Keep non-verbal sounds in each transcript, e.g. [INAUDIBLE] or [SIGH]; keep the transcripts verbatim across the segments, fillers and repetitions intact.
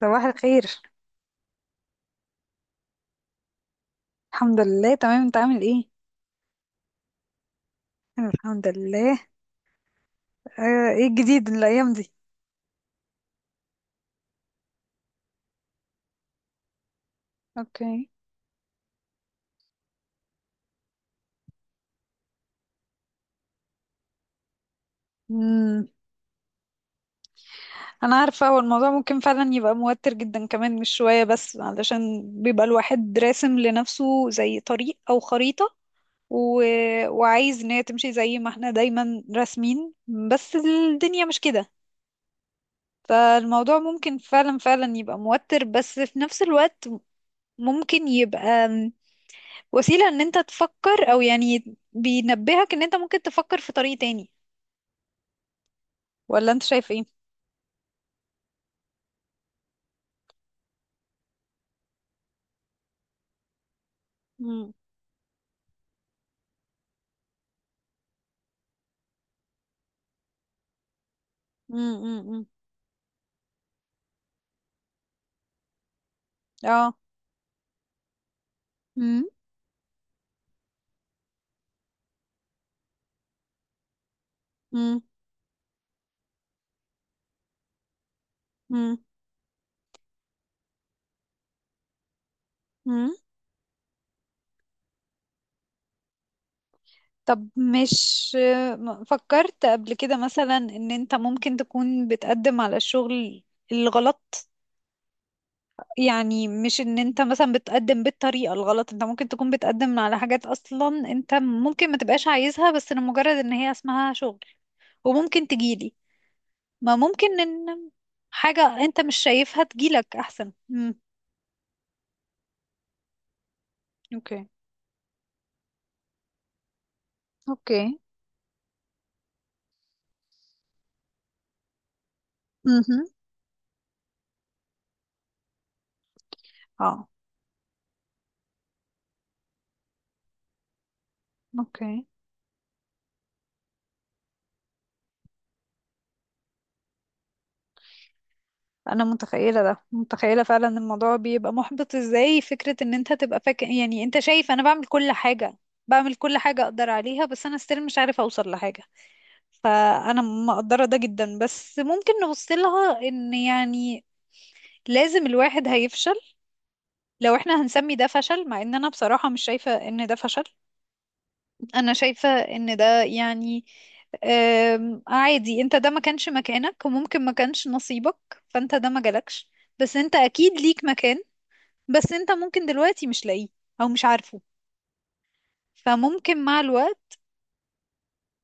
صباح الخير. الحمد لله، تمام. انت عامل ايه؟ انا الحمد لله. اه، ايه الجديد الايام دي؟ اوكي. امم. انا عارفه، هو الموضوع ممكن فعلا يبقى موتر جدا كمان، مش شويه، بس علشان بيبقى الواحد راسم لنفسه زي طريق او خريطه و... وعايز ان هي تمشي زي ما احنا دايما راسمين. بس الدنيا مش كده. فالموضوع ممكن فعلا فعلا يبقى موتر، بس في نفس الوقت ممكن يبقى وسيلة ان انت تفكر، او يعني بينبهك ان انت ممكن تفكر في طريق تاني. ولا انت شايف ايه؟ مم. مم. مم. مم. اه. مم. مم. مم. مم. طب، مش م- فكرت قبل كده مثلا ان انت ممكن تكون بتقدم على الشغل الغلط؟ يعني مش ان انت مثلا بتقدم بالطريقة الغلط، انت ممكن تكون بتقدم على حاجات اصلا انت ممكن ما تبقاش عايزها، بس لمجرد ان هي اسمها شغل. وممكن تجيلي. ما ممكن ان حاجة انت مش شايفها تجيلك احسن. امم. اوكي. اوكي. امم. اه. اوكي. انا متخيلة ده، متخيلة فعلا إن الموضوع بيبقى محبط ازاي. فكرة ان انت تبقى فاكر، يعني انت شايف انا بعمل كل حاجة، بعمل كل حاجة اقدر عليها، بس انا استيل مش عارفة اوصل لحاجة. فانا مقدرة ده جدا، بس ممكن نبص لها ان يعني لازم الواحد هيفشل. لو احنا هنسمي ده فشل، مع ان انا بصراحة مش شايفة ان ده فشل. انا شايفة ان ده يعني آم، عادي، انت ده ما كانش مكانك، وممكن ما كانش نصيبك، فانت ده ما جالكش. بس انت اكيد ليك مكان، بس انت ممكن دلوقتي مش لاقيه او مش عارفه. فممكن مع الوقت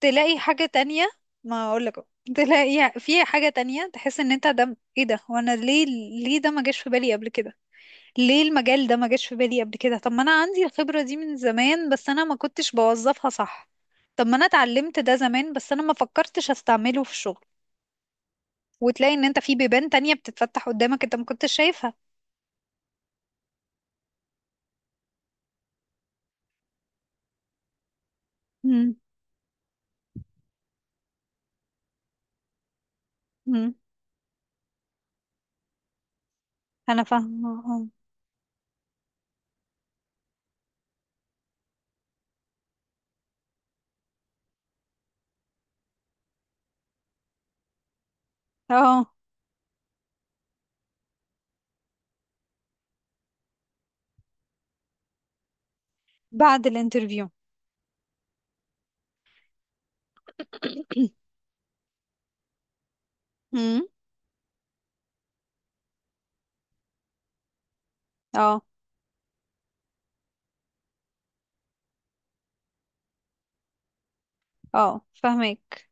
تلاقي حاجة تانية. ما اقولك أهو، تلاقي في حاجة تانية تحس ان انت ده ايه ده وانا ليه. ليه ده ما جاش في بالي قبل كده؟ ليه المجال ده ما جاش في بالي قبل كده؟ طب ما انا عندي الخبرة دي من زمان بس انا ما كنتش بوظفها صح. طب ما انا اتعلمت ده زمان بس انا ما فكرتش استعمله في الشغل. وتلاقي ان انت في بيبان تانية بتتفتح قدامك انت ما كنتش شايفها. امم. امم. انا فاهمة. اه، اه. بعد الانترفيو؟ [CLEARS THROAT] امم. اه، اه، فاهمك.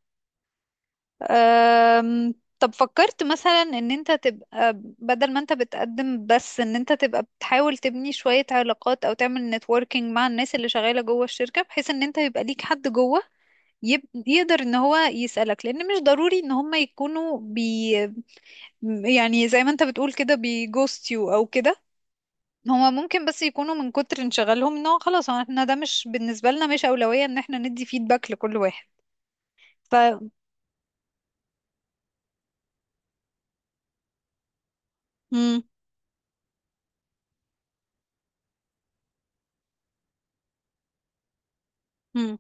أم، طب فكرت مثلا ان انت تبقى بدل ما انت بتقدم بس، ان انت تبقى بتحاول تبني شوية علاقات او تعمل نتوركينج مع الناس اللي شغالة جوه الشركة بحيث ان انت يبقى ليك حد جوه يب... يقدر ان هو يسألك، لان مش ضروري ان هم يكونوا بي يعني زي ما انت بتقول كده بيجوست يو او كده. هما ممكن بس يكونوا من كتر انشغالهم ان هو خلاص، هو احنا ده مش بالنسبة لنا مش أولوية ان احنا ندي فيدباك لكل واحد. ف مم. مم.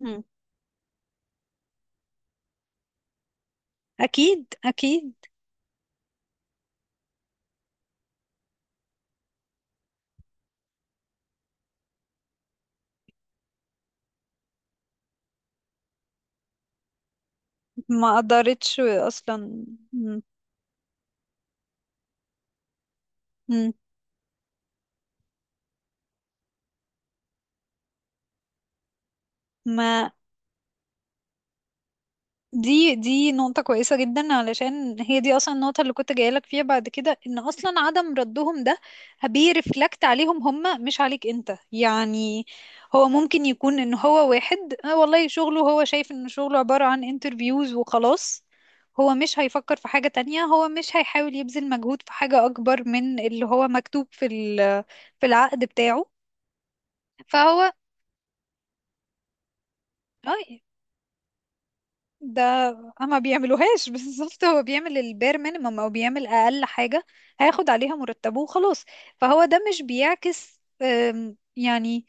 مم. اكيد، اكيد. ما قدرتش اصلا. م- م- ما دي دي نقطة كويسة جدا علشان هي دي اصلا النقطة اللي كنت جايلك فيها بعد كده، ان اصلا عدم ردهم ده بيرفلكت عليهم هم مش عليك انت يعني. هو ممكن يكون ان هو واحد آه والله شغله، هو شايف ان شغله عبارة عن انترفيوز وخلاص. هو مش هيفكر في حاجة تانية، هو مش هيحاول يبذل مجهود في حاجة اكبر من اللي هو مكتوب في ال- في العقد بتاعه. فهو. اي. ده. اما بيعملوهاش [LAUGHS] بالظبط، هو بيعمل البير مينيمم او بيعمل اقل حاجة. هياخد عليها مرتبه وخلاص. فهو ده مش بيعكس أم، يعني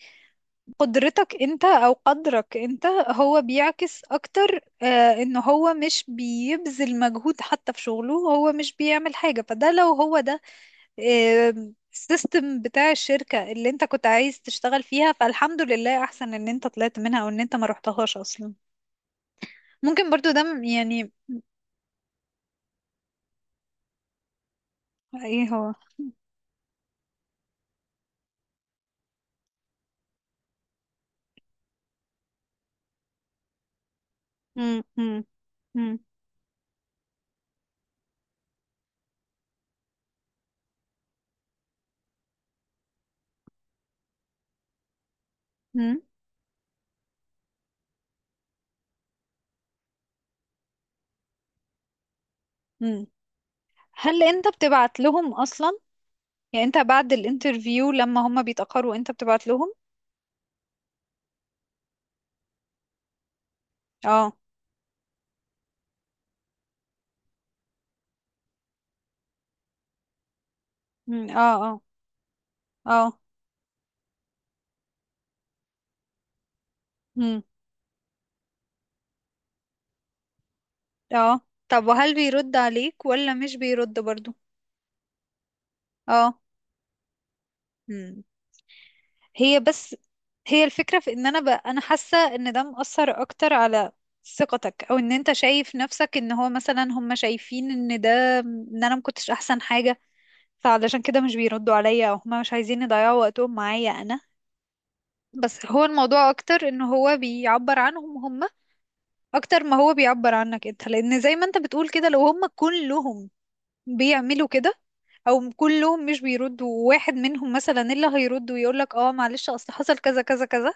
قدرتك انت او قدرك انت، هو بيعكس اكتر آه، ان هو مش بيبذل مجهود حتى في شغله، هو مش بيعمل حاجة. فده لو هو ده آم، السيستم بتاع الشركة اللي انت كنت عايز تشتغل فيها، فالحمد لله احسن ان انت طلعت منها او ان انت ما رحتهاش اصلا. ممكن برضو ده م- يعني. ايه هو؟ مم. مم. مم. مم. مم. هل انت بتبعت لهم اصلا؟ يعني انت بعد الانترفيو لما هم بيتأخروا، انت بتبعت لهم؟ اه. مم. اه، اه، اه. مم. اه. طب وهل بيرد عليك ولا مش بيرد برضو؟ اه. مم. هي بس، هي الفكرة في ان انا، ب... انا حاسة ان ده مؤثر اكتر على ثقتك، او ان انت شايف نفسك ان هو مثلا هم شايفين ان ده، ان انا مكنتش احسن حاجة، فعلشان كده مش بيردوا عليا، او هما مش عايزين يضيعوا وقتهم معايا انا. بس هو الموضوع اكتر ان هو بيعبر عنهم هما اكتر ما هو بيعبر عنك انت، لان زي ما انت بتقول كده، لو هما كلهم بيعملوا كده او كلهم مش بيردوا، واحد منهم مثلا اللي هيرد ويقولك اه معلش اصل حصل كذا كذا كذا،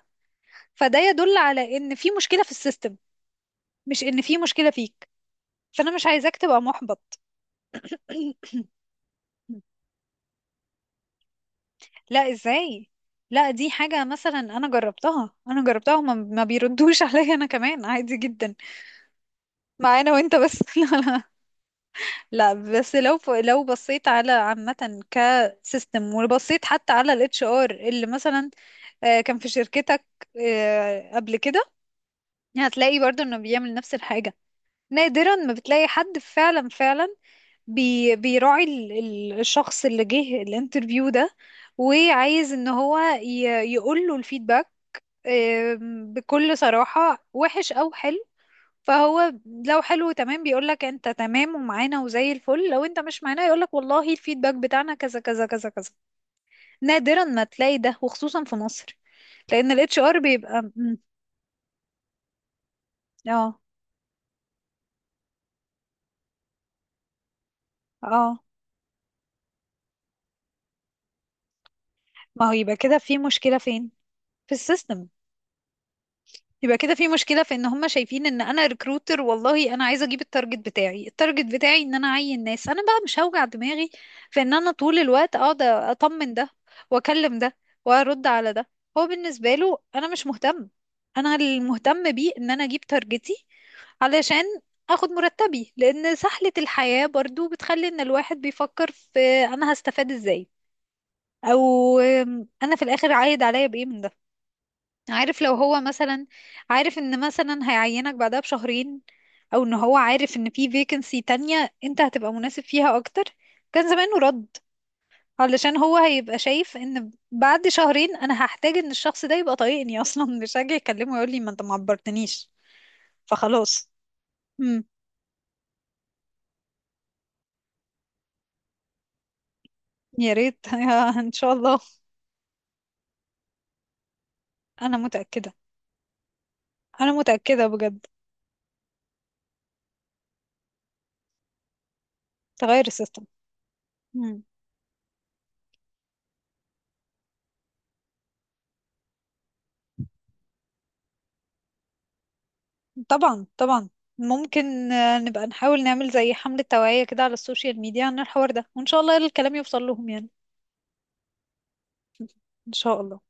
فده يدل على ان في مشكلة في السيستم، مش ان في مشكلة فيك. فانا مش عايزاك تبقى محبط. [CLEARS THROAT] لا، ازاي؟ لا، دي حاجة مثلا انا جربتها، انا جربتها. هما ما بيردوش [LAUGHS] عليا انا كمان، عادي جدا. معانا وانت بس؟ [LAUGHS] لا، لا. لا بس لو ف... لو بصيت على عامة كسيستم، وبصيت حتى على الاتش ار اللي مثلا آه، كان في شركتك آه، قبل كده، هتلاقي برضو انه بيعمل نفس الحاجة. نادرا ما بتلاقي حد فعلا فعلا بي بيراعي ال- ال- الشخص اللي جه الانترفيو ده، وعايز ان هو ي- يقول له الفيدباك آم، بكل صراحة، وحش أو حلو. فهو لو حلو، تمام، بيقولك انت تمام ومعانا وزي الفل. لو انت مش معانا يقولك والله الفيدباك بتاعنا كذا كذا كذا كذا. نادرا ما تلاقي ده، وخصوصا في مصر. لأن الاتش ار بيبقى مم، اه، اه. ما هو يبقى كده في مشكلة فين؟ في السيستم. يبقى كده في مشكلة في ان هم شايفين ان انا ريكروتر، والله انا عايزة اجيب التارجت بتاعي. التارجت بتاعي ان انا اعين ناس، انا بقى مش هوجع دماغي في ان انا طول الوقت اقعد اطمن ده، واكلم ده، وارد على ده. هو بالنسبة له انا مش مهتم. انا المهتم بيه ان انا اجيب تارجتي علشان اخد مرتبي. لان سهلة الحياة برضو بتخلي ان الواحد بيفكر في انا هستفاد ازاي؟ او انا في الاخر عايد عليا بايه من ده؟ عارف لو هو مثلا عارف ان مثلا هيعينك بعدها بشهرين، او ان هو عارف ان في فيكنسي تانية انت هتبقى مناسب فيها اكتر، كان زمانه رد. علشان هو هيبقى شايف ان بعد شهرين انا هحتاج ان الشخص ده يبقى طايقني اصلا [LAUGHS] مش هاجي اكلمه ويقول لي ما انت ما عبرتنيش. فخلاص. امم. يا ريت [LAUGHS] ان شاء الله. انا متأكدة. انا متأكدة بجد. تغير السيستم. طبعا، طبعا. ممكن آه، نبقى نحاول نعمل زي حملة توعية كده على السوشيال ميديا عن الحوار ده، وإن شاء الله الكلام يوصل لهم يعني. إن شاء الله.